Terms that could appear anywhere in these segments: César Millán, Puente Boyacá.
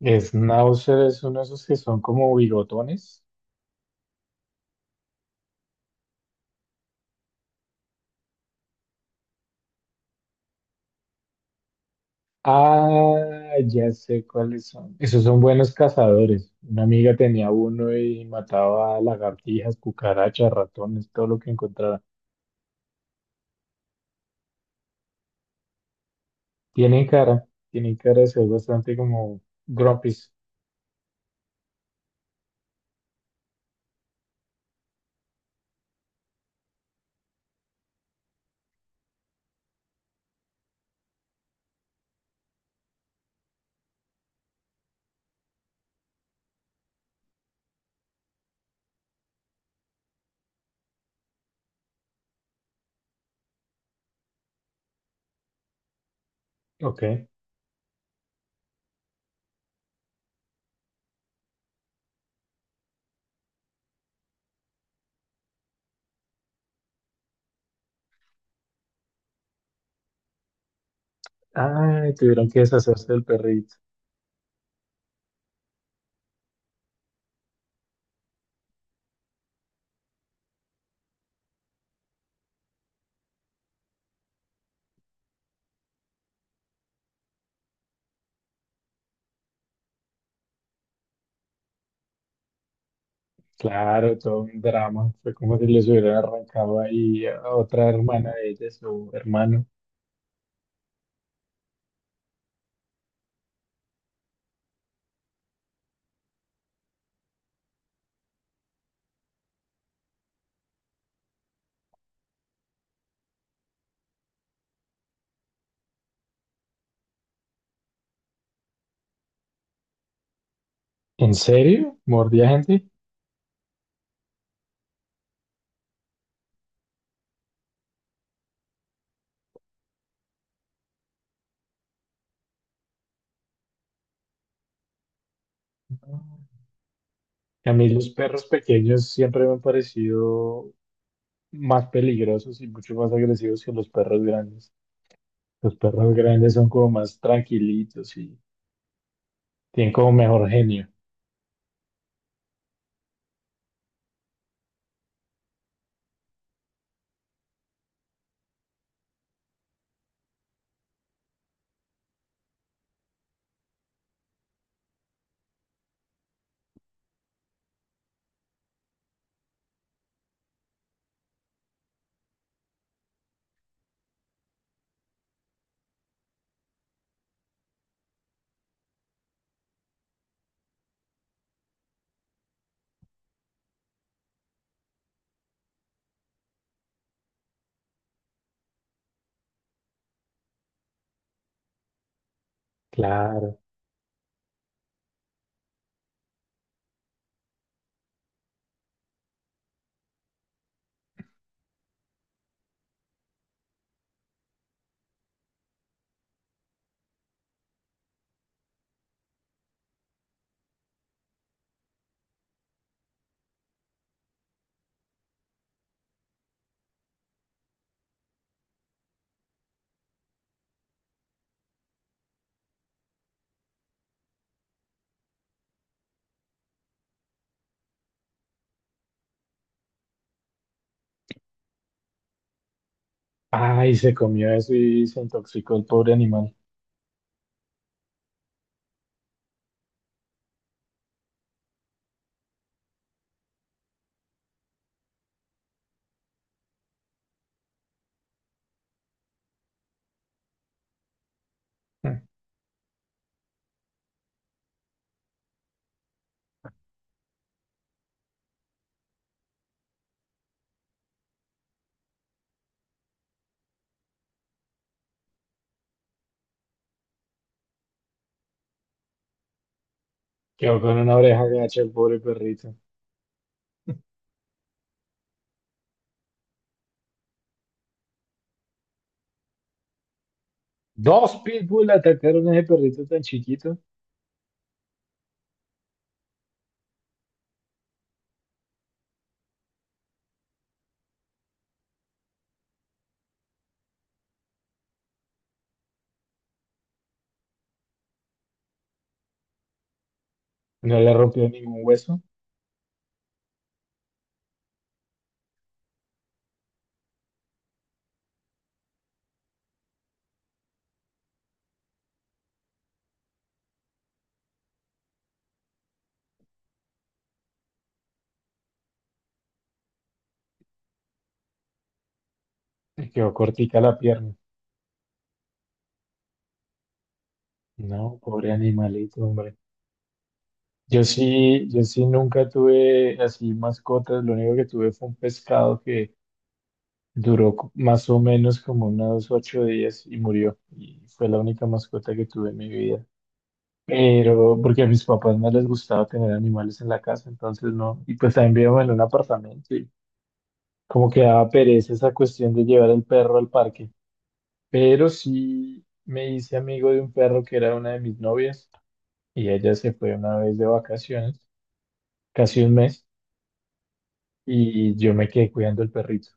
Schnauzer es uno de esos que son como bigotones. Ah, ya sé cuáles son. Esos son buenos cazadores. Una amiga tenía uno y mataba lagartijas, cucarachas, ratones, todo lo que encontrara. Tienen cara de ser bastante como grumpies. Ok. Ay, tuvieron que deshacerse del perrito. Claro, todo un drama. Fue como si les hubiera arrancado ahí a otra hermana de ella, su hermano. ¿En serio? ¿Mordía gente? A mí los perros pequeños siempre me han parecido más peligrosos y mucho más agresivos que los perros grandes. Los perros grandes son como más tranquilitos y tienen como mejor genio. Claro. Ay, se comió eso y se intoxicó el pobre animal. Mm. Quedó con una oreja gacha el pobre perrito. Dos pitbull atacaron a ese perrito tan chiquito. No le rompió ningún hueso y quedó cortica la pierna. No, pobre animalito, hombre. Yo sí nunca tuve así mascotas, lo único que tuve fue un pescado que más o menos como unos 8 días y murió. Y fue la única mascota que tuve en mi vida. Pero porque a mis papás no les gustaba tener animales en la casa, entonces no. Y pues también vivíamos en un apartamento y como que daba pereza esa cuestión de llevar el perro al parque. Pero sí me hice amigo de un perro que era una de mis novias y ella se fue una vez de vacaciones, casi un mes. Y yo me quedé cuidando el perrito.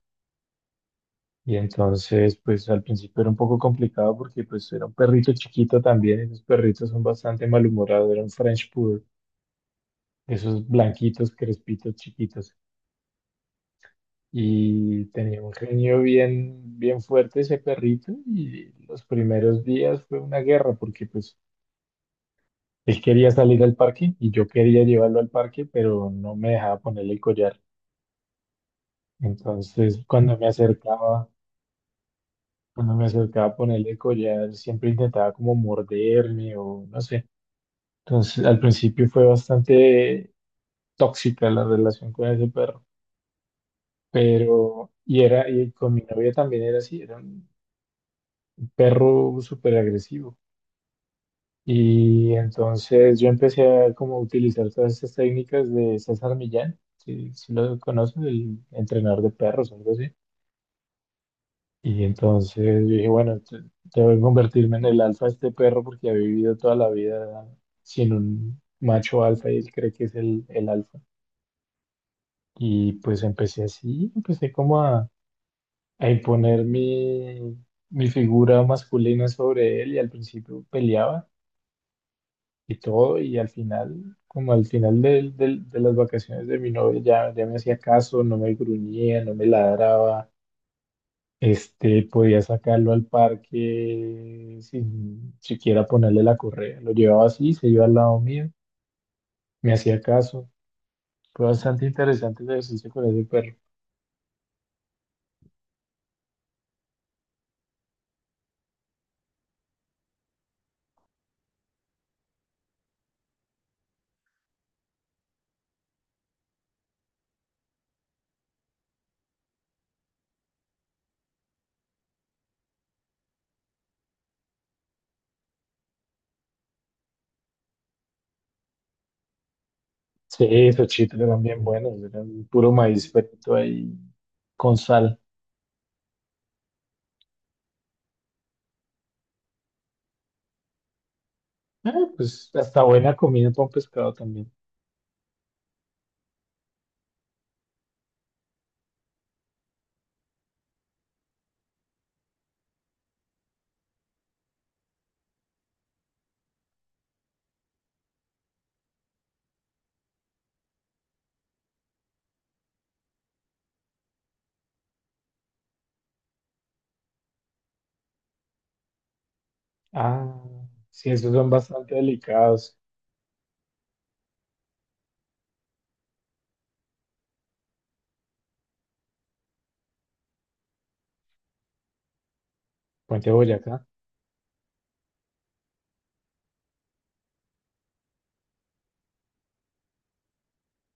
Y entonces, pues al principio era un poco complicado porque pues era un perrito chiquito también, esos perritos son bastante malhumorados, era un French Poodle, esos blanquitos, crespitos, chiquitos. Y tenía un genio bien, bien fuerte ese perrito y los primeros días fue una guerra porque pues él quería salir al parque y yo quería llevarlo al parque, pero no me dejaba ponerle el collar. Entonces, cuando me acercaba Cuando me acercaba a ponerle collar, siempre intentaba como morderme o no sé. Entonces, al principio fue bastante tóxica la relación con ese perro, pero, y con mi novia también era así, era un perro súper agresivo. Y entonces yo empecé a como utilizar todas estas técnicas de César Millán, si lo conoces, el entrenador de perros, algo así. Y entonces yo dije, bueno, debo convertirme en el alfa de este perro porque ha vivido toda la vida sin un macho alfa y él cree que es el alfa. Y pues empecé así, empecé como a imponer mi figura masculina sobre él y al principio peleaba y todo y al final, como al final de las vacaciones de mi novia ya, ya me hacía caso, no me gruñía, no me ladraba. Podía sacarlo al parque sin siquiera ponerle la correa. Lo llevaba así, se iba al lado mío, me hacía caso. Fue bastante interesante ese ejercicio con ese perro. Sí, esos chitos eran bien buenos, eran puro maíz frito ahí con sal. Eh, pues hasta buena comida con pescado también. Ah, sí, esos son bastante delicados. Puente Boyacá.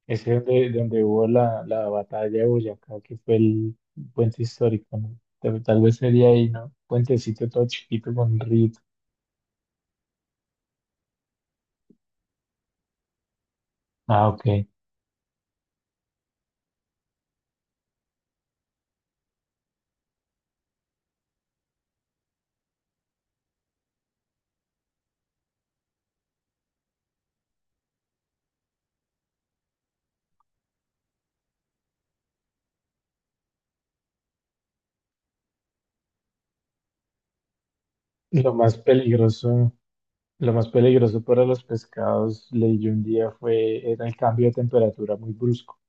Es donde hubo la batalla de Boyacá, que fue el puente histórico, ¿no? Tal vez sería ahí, ¿no? Puentecito todo chiquito con un río. Ah, ok. Lo más peligroso, lo más peligroso para los pescados, leí yo un día, era el cambio de temperatura muy brusco.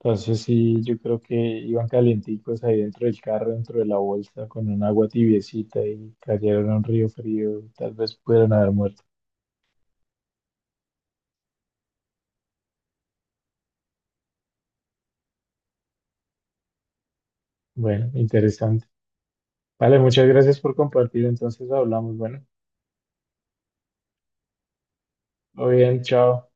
Entonces sí, yo creo que iban calienticos ahí dentro del carro, dentro de la bolsa, con un agua tibiecita y cayeron a un río frío, tal vez pudieron haber muerto. Bueno, interesante. Vale, muchas gracias por compartir. Entonces hablamos. Bueno, muy bien, chao.